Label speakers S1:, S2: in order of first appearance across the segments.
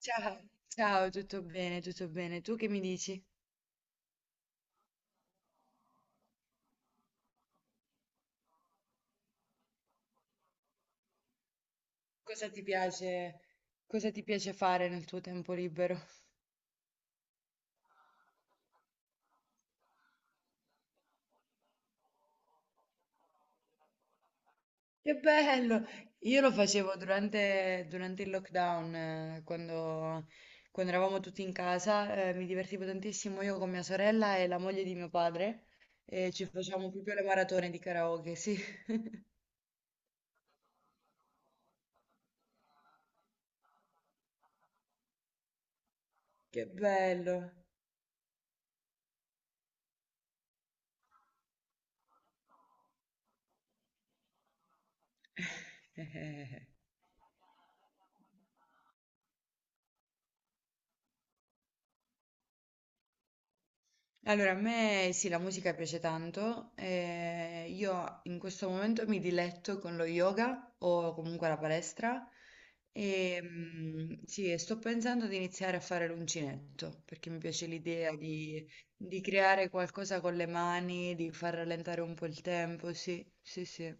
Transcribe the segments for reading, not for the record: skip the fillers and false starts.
S1: Ciao, ciao, tutto bene, tutto bene. Tu che mi dici? Cosa ti piace, cosa ti piace fare nel tuo tempo libero? Che bello! Io lo facevo durante il lockdown, quando, eravamo tutti in casa, mi divertivo tantissimo io con mia sorella e la moglie di mio padre e ci facevamo proprio le maratone di karaoke, sì. Che bello! Allora, a me sì, la musica piace tanto. Io in questo momento mi diletto con lo yoga o comunque la palestra. E, sì, e sto pensando di iniziare a fare l'uncinetto perché mi piace l'idea di creare qualcosa con le mani, di far rallentare un po' il tempo. Sì, sì, sì. E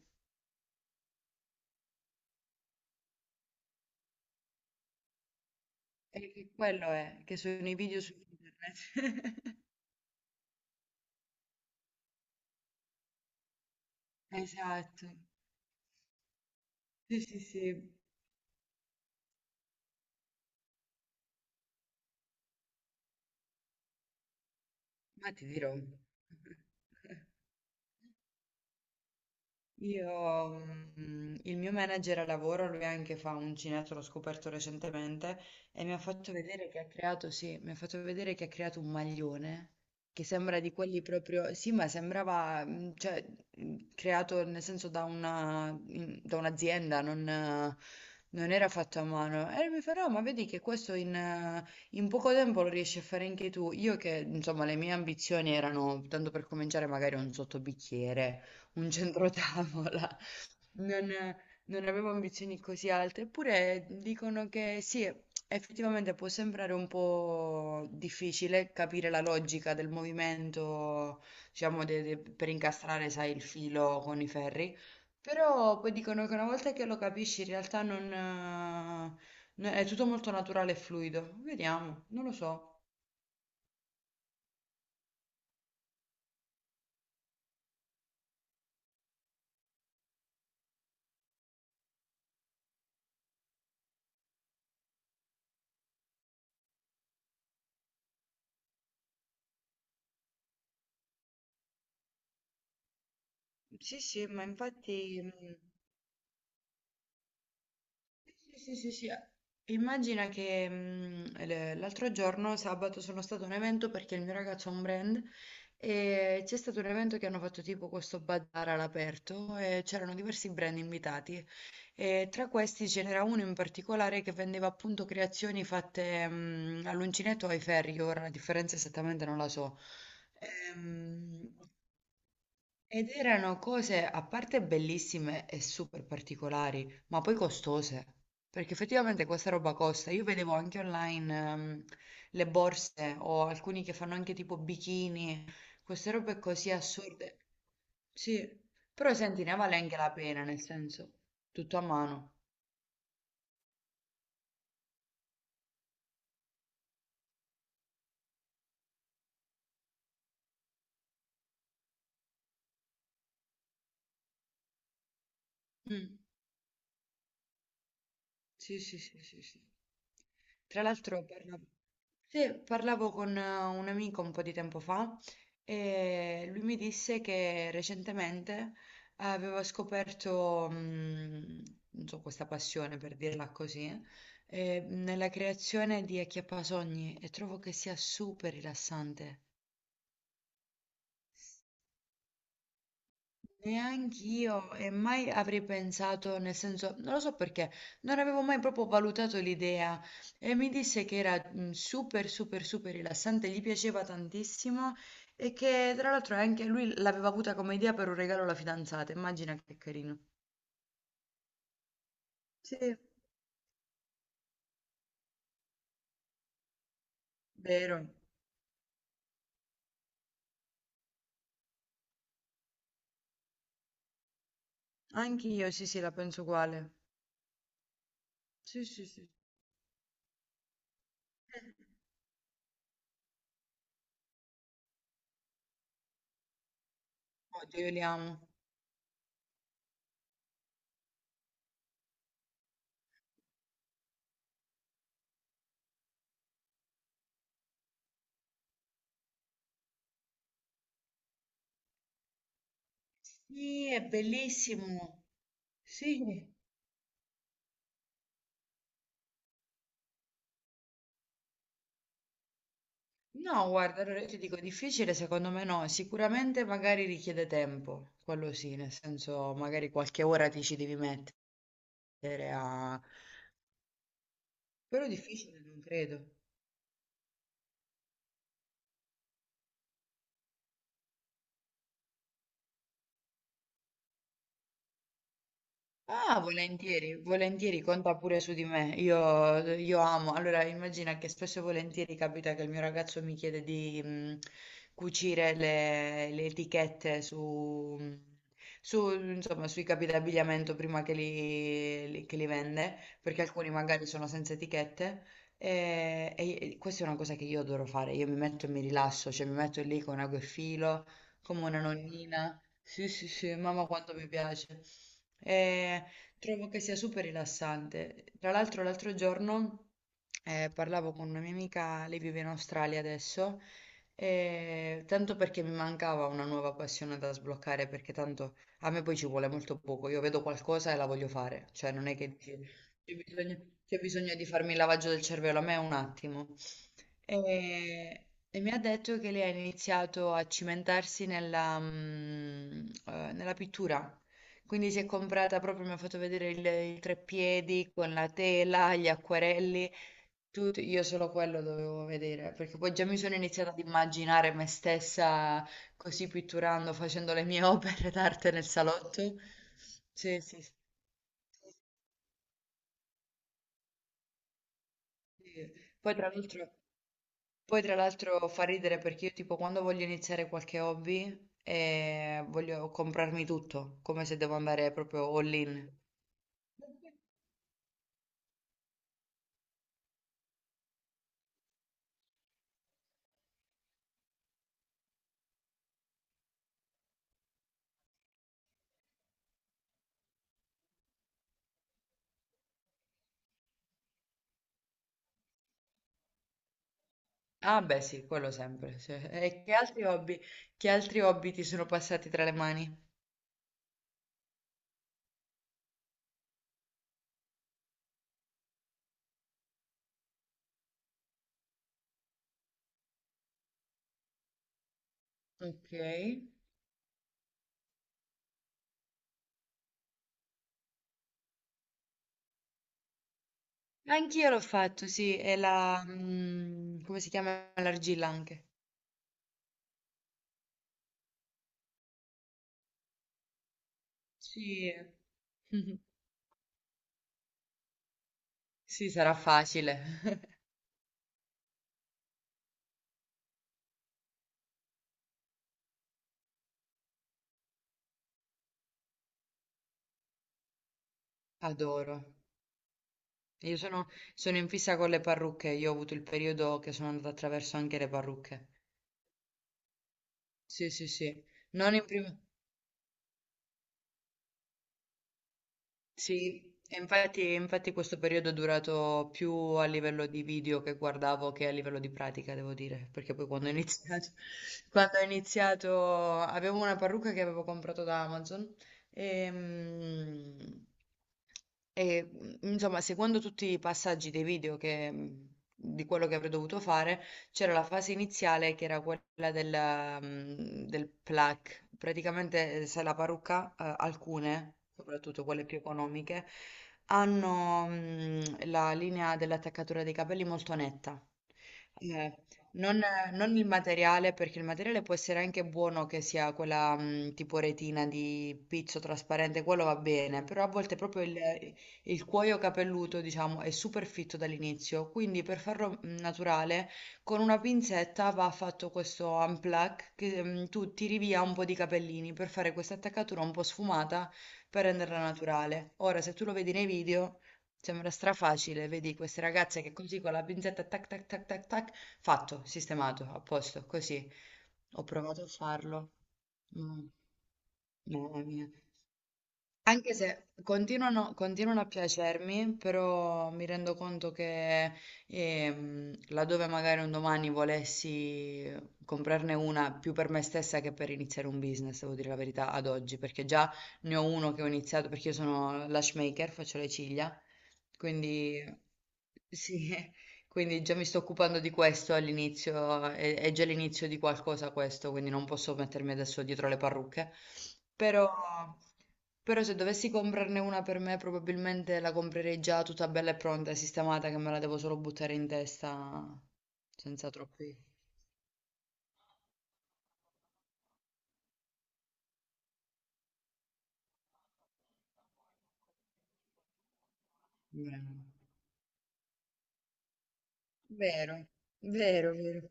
S1: che quello è, che sono i video su internet. Esatto. Sì, sì, sì. Ma ti dirò. Io, il mio manager a lavoro, lui anche fa un cinetto, l'ho scoperto recentemente, e mi ha fatto vedere che ha creato, sì, mi ha fatto vedere che ha creato un maglione che sembra di quelli proprio, sì, ma sembrava, cioè, creato nel senso da una, da un'azienda, non era fatto a mano. E mi fa, no, ma vedi che questo in poco tempo lo riesci a fare anche tu. Io che, insomma, le mie ambizioni erano, tanto per cominciare, magari un sottobicchiere, un centrotavola, non, non avevo ambizioni così alte, eppure dicono che sì, effettivamente può sembrare un po' difficile capire la logica del movimento, diciamo, per incastrare, sai, il filo con i ferri, però poi dicono che una volta che lo capisci in realtà non, no- è tutto molto naturale e fluido. Vediamo, non lo so. Sì, sì, ma infatti. Sì, sì, sì, sì. Immagina che l'altro giorno, sabato, sono stato a un evento perché il mio ragazzo ha un brand e c'è stato un evento che hanno fatto tipo questo bazar all'aperto e c'erano diversi brand invitati e tra questi ce n'era uno in particolare che vendeva appunto creazioni fatte all'uncinetto o ai ferri, che ora la differenza esattamente non la so. Ehm, ed erano cose a parte bellissime e super particolari, ma poi costose, perché effettivamente questa roba costa. Io vedevo anche online le borse o alcuni che fanno anche tipo bikini, queste robe così assurde. Sì, però senti, ne vale anche la pena, nel senso, tutto a mano. Mm. Sì, sì, sì, sì, sì. Tra l'altro, sì, parlavo con un amico un po' di tempo fa e lui mi disse che recentemente aveva scoperto, non so, questa passione per dirla così, nella creazione di acchiappasogni, e trovo che sia super rilassante. Neanch'io, e mai avrei pensato, nel senso, non lo so perché, non avevo mai proprio valutato l'idea, e mi disse che era super, super, super rilassante, gli piaceva tantissimo, e che tra l'altro anche lui l'aveva avuta come idea per un regalo alla fidanzata, immagina che carino. Sì, vero, anch'io sì, sì, la penso uguale. Sì, sì, sì. Oddio, io li amo. Sì, è bellissimo. Sì. No, guarda, allora io ti dico difficile, secondo me no, sicuramente magari richiede tempo, quello sì, nel senso magari qualche ora ti ci devi mettere a... Però difficile non credo. Ah, volentieri, volentieri, conta pure su di me. Io amo. Allora, immagina che spesso e volentieri capita che il mio ragazzo mi chiede di cucire le etichette insomma, sui capi d'abbigliamento prima che che li vende, perché alcuni magari sono senza etichette. E questa è una cosa che io adoro fare. Io mi metto e mi rilasso, cioè mi metto lì con ago e filo, come una nonnina. Sì, sì, sì, mamma quanto mi piace. E trovo che sia super rilassante. Tra l'altro, l'altro giorno parlavo con una mia amica, lei vive in Australia adesso, e tanto perché mi mancava una nuova passione da sbloccare, perché tanto a me poi ci vuole molto poco. Io vedo qualcosa e la voglio fare, cioè non è che dici, c'è bisogno, c'è bisogno di farmi il lavaggio del cervello, a me è un attimo. E mi ha detto che lei ha iniziato a cimentarsi nella pittura. Quindi si è comprata proprio, mi ha fatto vedere il treppiedi con la tela, gli acquerelli, tutto. Io solo quello dovevo vedere, perché poi già mi sono iniziata ad immaginare me stessa così pitturando, facendo le mie opere d'arte nel salotto. Sì, sì, sì. Sì. Poi tra l'altro, poi tra l'altro fa ridere perché io tipo quando voglio iniziare qualche hobby, voglio comprarmi tutto, come se devo andare proprio all in. Ah beh sì, quello sempre. Sì. E che altri hobby, ti sono passati tra le mani? Ok. Anch'io l'ho fatto, sì, e la... come si chiama? L'argilla anche. Sì. Sì, sarà facile. Adoro. Io sono, sono in fissa con le parrucche, io ho avuto il periodo che sono andata attraverso anche le parrucche. Sì, sì, sì. Non in prima... Sì, e infatti, infatti questo periodo è durato più a livello di video che guardavo che a livello di pratica, devo dire, perché poi quando ho iniziato, quando ho iniziato avevo una parrucca che avevo comprato da Amazon e, mm, insomma, seguendo tutti i passaggi dei video di quello che avrei dovuto fare, c'era la fase iniziale che era quella del plucking. Praticamente, sai, la parrucca, alcune, soprattutto quelle più economiche, hanno la linea dell'attaccatura dei capelli molto netta. Eh, non, non il materiale, perché il materiale può essere anche buono che sia quella tipo retina di pizzo trasparente, quello va bene, però a volte proprio il cuoio capelluto, diciamo, è super fitto dall'inizio, quindi per farlo naturale con una pinzetta va fatto questo unplug che tu tiri via un po' di capellini per fare questa attaccatura un po' sfumata per renderla naturale. Ora, se tu lo vedi nei video, sembra strafacile, vedi queste ragazze che così con la pinzetta tac tac tac tac tac, fatto, sistemato, a posto, così. Ho provato a farlo. Mm. Mamma mia. Anche se continuano a piacermi, però mi rendo conto che laddove magari un domani volessi comprarne una più per me stessa che per iniziare un business, devo dire la verità, ad oggi, perché già ne ho uno che ho iniziato, perché io sono lash maker, faccio le ciglia, quindi sì, quindi già mi sto occupando di questo all'inizio, è già l'inizio di qualcosa questo, quindi non posso mettermi adesso dietro le parrucche, però... Però se dovessi comprarne una per me, probabilmente la comprerei già tutta bella e pronta e sistemata, che me la devo solo buttare in testa senza troppi problemi. Vero, vero, vero,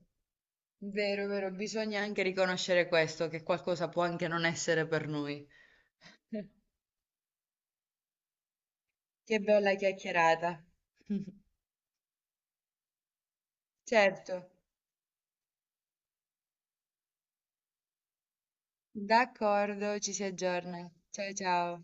S1: vero, vero. Bisogna anche riconoscere questo, che qualcosa può anche non essere per noi. Che bella chiacchierata. Certo, d'accordo, ci si aggiorna. Ciao ciao.